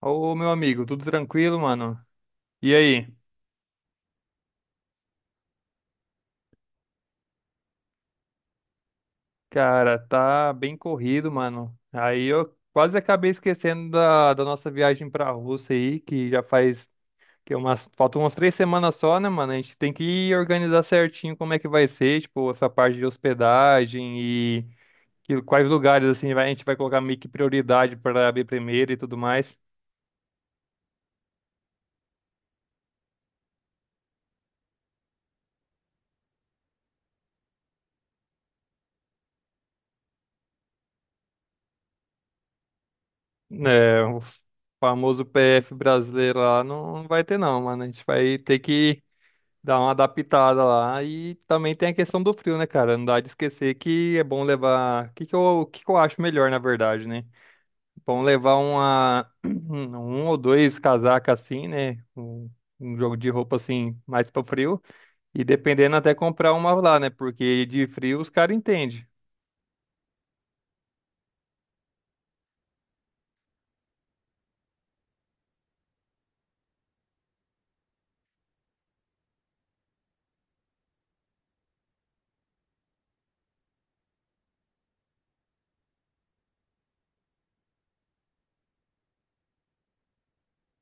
Ô, meu amigo, tudo tranquilo, mano? E aí? Cara, tá bem corrido, mano. Aí eu quase acabei esquecendo da nossa viagem pra Rússia aí, que já faz que é umas, faltam umas três semanas só, né, mano? A gente tem que organizar certinho como é que vai ser, tipo, essa parte de hospedagem e quais lugares, assim, a gente vai colocar meio que prioridade pra abrir primeiro e tudo mais. É, o famoso PF brasileiro lá não vai ter, não, mano. A gente vai ter que dá uma adaptada lá. E também tem a questão do frio, né, cara? Não dá de esquecer que é bom levar. O que que eu acho melhor, na verdade, né? Bom levar uma... um ou dois casacas assim, né? Um jogo de roupa assim, mais para frio. E dependendo, até comprar uma lá, né? Porque de frio os caras entendem.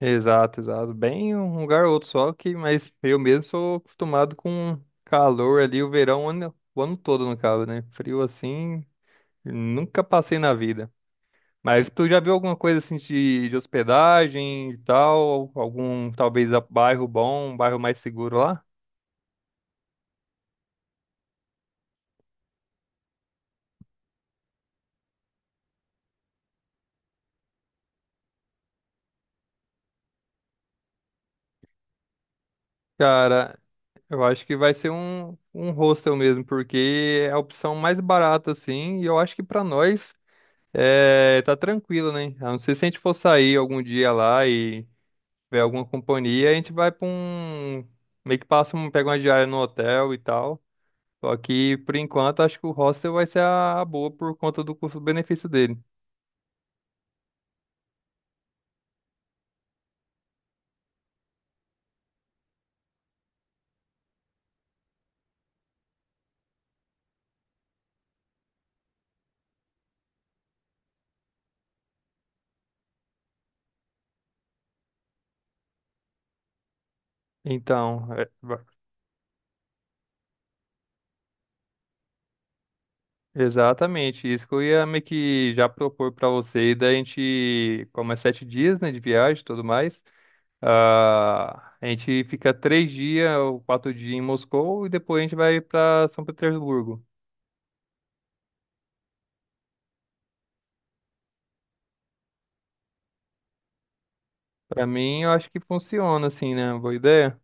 Exato, exato. Bem um lugar ou outro só que, mas eu mesmo sou acostumado com calor ali, o ano todo, no caso, né? Frio assim, nunca passei na vida. Mas tu já viu alguma coisa assim de hospedagem e tal? Algum, talvez, bairro bom, um bairro mais seguro lá? Cara, eu acho que vai ser um hostel mesmo, porque é a opção mais barata, assim, e eu acho que pra nós é, tá tranquilo, né? A não ser se a gente for sair algum dia lá e ver alguma companhia, a gente vai pra um. Meio que passa, um, pega uma diária no hotel e tal. Só que, por enquanto, acho que o hostel vai ser a boa por conta do custo-benefício dele. Então, exatamente, isso que eu ia meio que já propor para você, e daí a gente, como é sete dias, né, de viagem e tudo mais, a gente fica três dias ou quatro dias em Moscou e depois a gente vai para São Petersburgo. Para mim, eu acho que funciona, assim, né, boa ideia.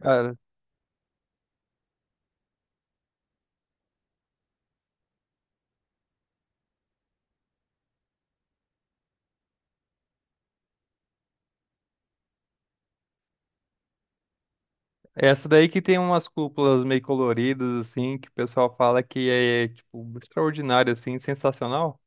Cara, é essa daí que tem umas cúpulas meio coloridas, assim, que o pessoal fala que é, tipo, extraordinária, assim, sensacional.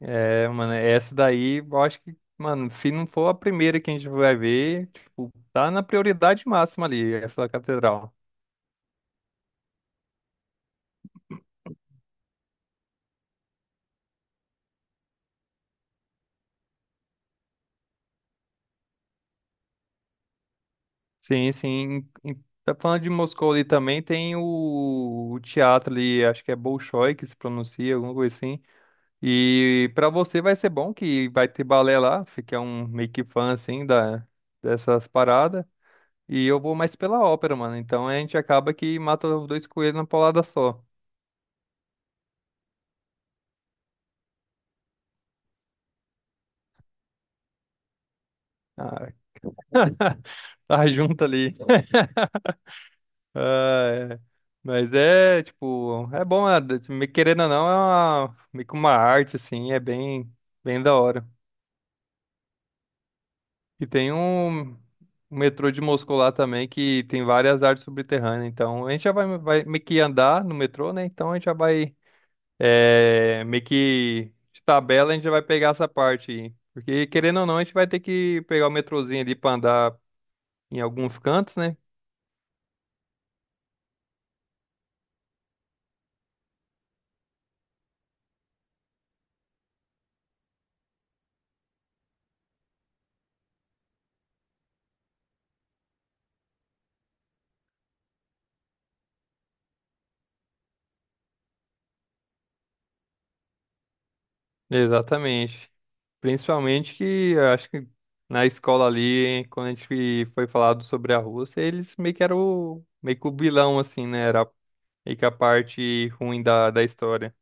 É, mano, essa daí, eu acho que, mano, se não for a primeira que a gente vai ver, tipo, tá na prioridade máxima ali, essa catedral. Sim, sim. E Tá falando de Moscou ali também, tem o teatro ali, acho que é Bolshoi que se pronuncia, alguma coisa assim. E pra você vai ser bom que vai ter balé lá, você que é um meio que fã, assim, dessas paradas. E eu vou mais pela ópera, mano, então a gente acaba que mata os dois coelhos na paulada só. Ah, tá junto ali. Ah, é. Mas é, tipo, é bom, né? Me querendo ou não, é uma, meio que uma arte, assim, é bem, bem da hora. E tem um metrô de Moscou lá também, que tem várias artes subterrâneas, então a gente já vai, vai meio que andar no metrô, né? Então a gente já vai, é, meio que de tabela a gente já vai pegar essa parte aí. Porque querendo ou não, a gente vai ter que pegar o metrozinho ali pra andar em alguns cantos, né? Exatamente. Principalmente que eu acho que na escola ali, quando a gente foi falado sobre a Rússia, eles meio que eram meio que o vilão, assim, né? Era meio que a parte ruim da história.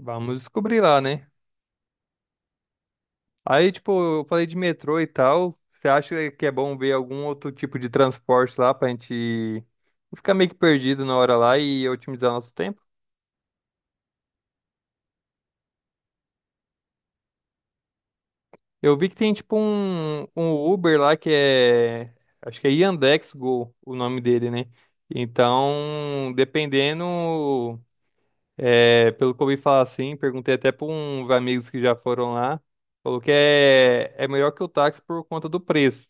Vamos descobrir lá, né? Aí, tipo, eu falei de metrô e tal. Você acha que é bom ver algum outro tipo de transporte lá pra gente não ficar meio que perdido na hora lá e otimizar nosso tempo? Eu vi que tem tipo um Uber lá que é. Acho que é Yandex Go, o nome dele, né? Então, dependendo. É, pelo que eu ouvi falar assim, perguntei até para uns amigos que já foram lá. Falou que é melhor que o táxi por conta do preço.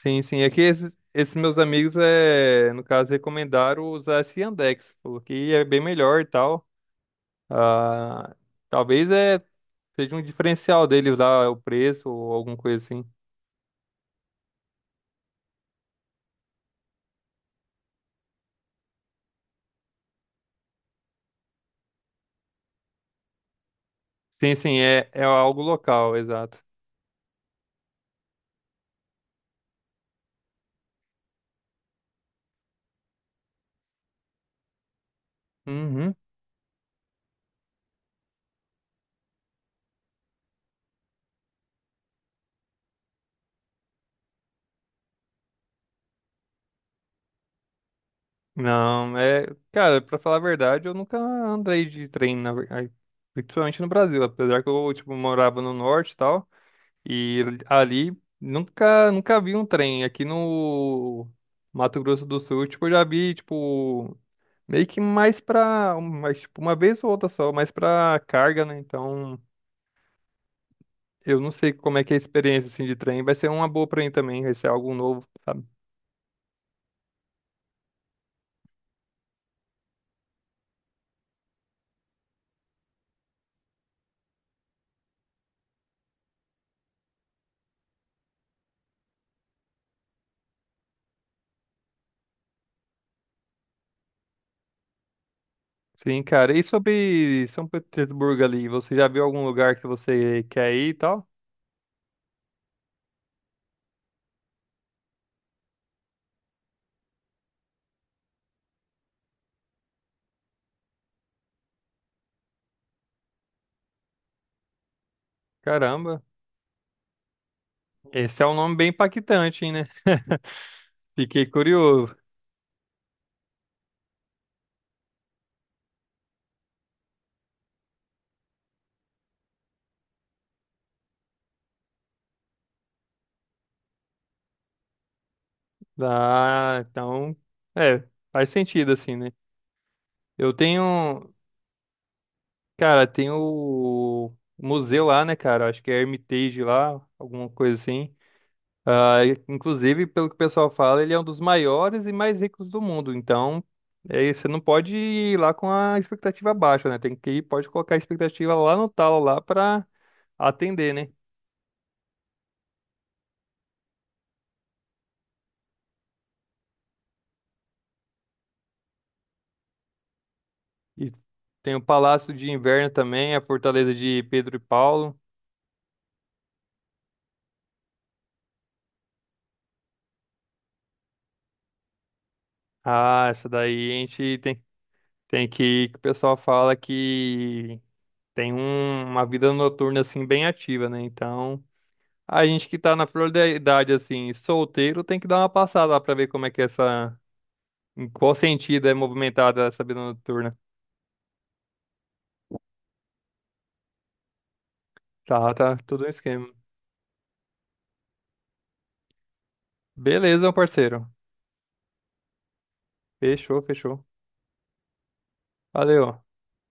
Sim, sim. É que esses meus amigos, é, no caso, recomendaram usar esse Yandex. Falou que é bem melhor e tal. Ah, talvez é, seja um diferencial dele usar o preço ou alguma coisa assim. Sim, sim, é, é algo local, exato. Uhum. Não, é. Cara, pra falar a verdade, eu nunca andei de trem, ai, principalmente no Brasil. Apesar que eu, tipo, morava no norte e tal. E ali nunca, nunca vi um trem. Aqui no Mato Grosso do Sul, tipo, eu já vi, tipo, meio que mais pra, mais tipo, uma vez ou outra só, mais pra carga, né? Então, eu não sei como é que é a experiência assim, de trem. Vai ser uma boa pra mim também, vai ser algo novo. Sim, cara. E sobre São Petersburgo ali, você já viu algum lugar que você quer ir e tal? Caramba, esse é um nome bem impactante, hein, né? Fiquei curioso. Ah, então, é, faz sentido assim, né? Eu tenho, cara, tem o museu lá, né, cara? Acho que é Hermitage lá, alguma coisa assim. Ah, inclusive, pelo que o pessoal fala, ele é um dos maiores e mais ricos do mundo. Então, é, isso, você não pode ir lá com a expectativa baixa, né? Tem que ir, pode colocar a expectativa lá no talo lá para atender, né? E tem o Palácio de Inverno também, a Fortaleza de Pedro e Paulo. Ah, essa daí a gente tem, tem que ir, que o pessoal fala que tem uma vida noturna assim bem ativa, né? Então, a gente que tá na flor da idade, assim, solteiro, tem que dar uma passada lá pra ver como é que é essa. Em qual sentido é movimentada essa vida noturna. Tá, tá, tudo um esquema. Beleza, meu parceiro. Fechou, fechou. Valeu.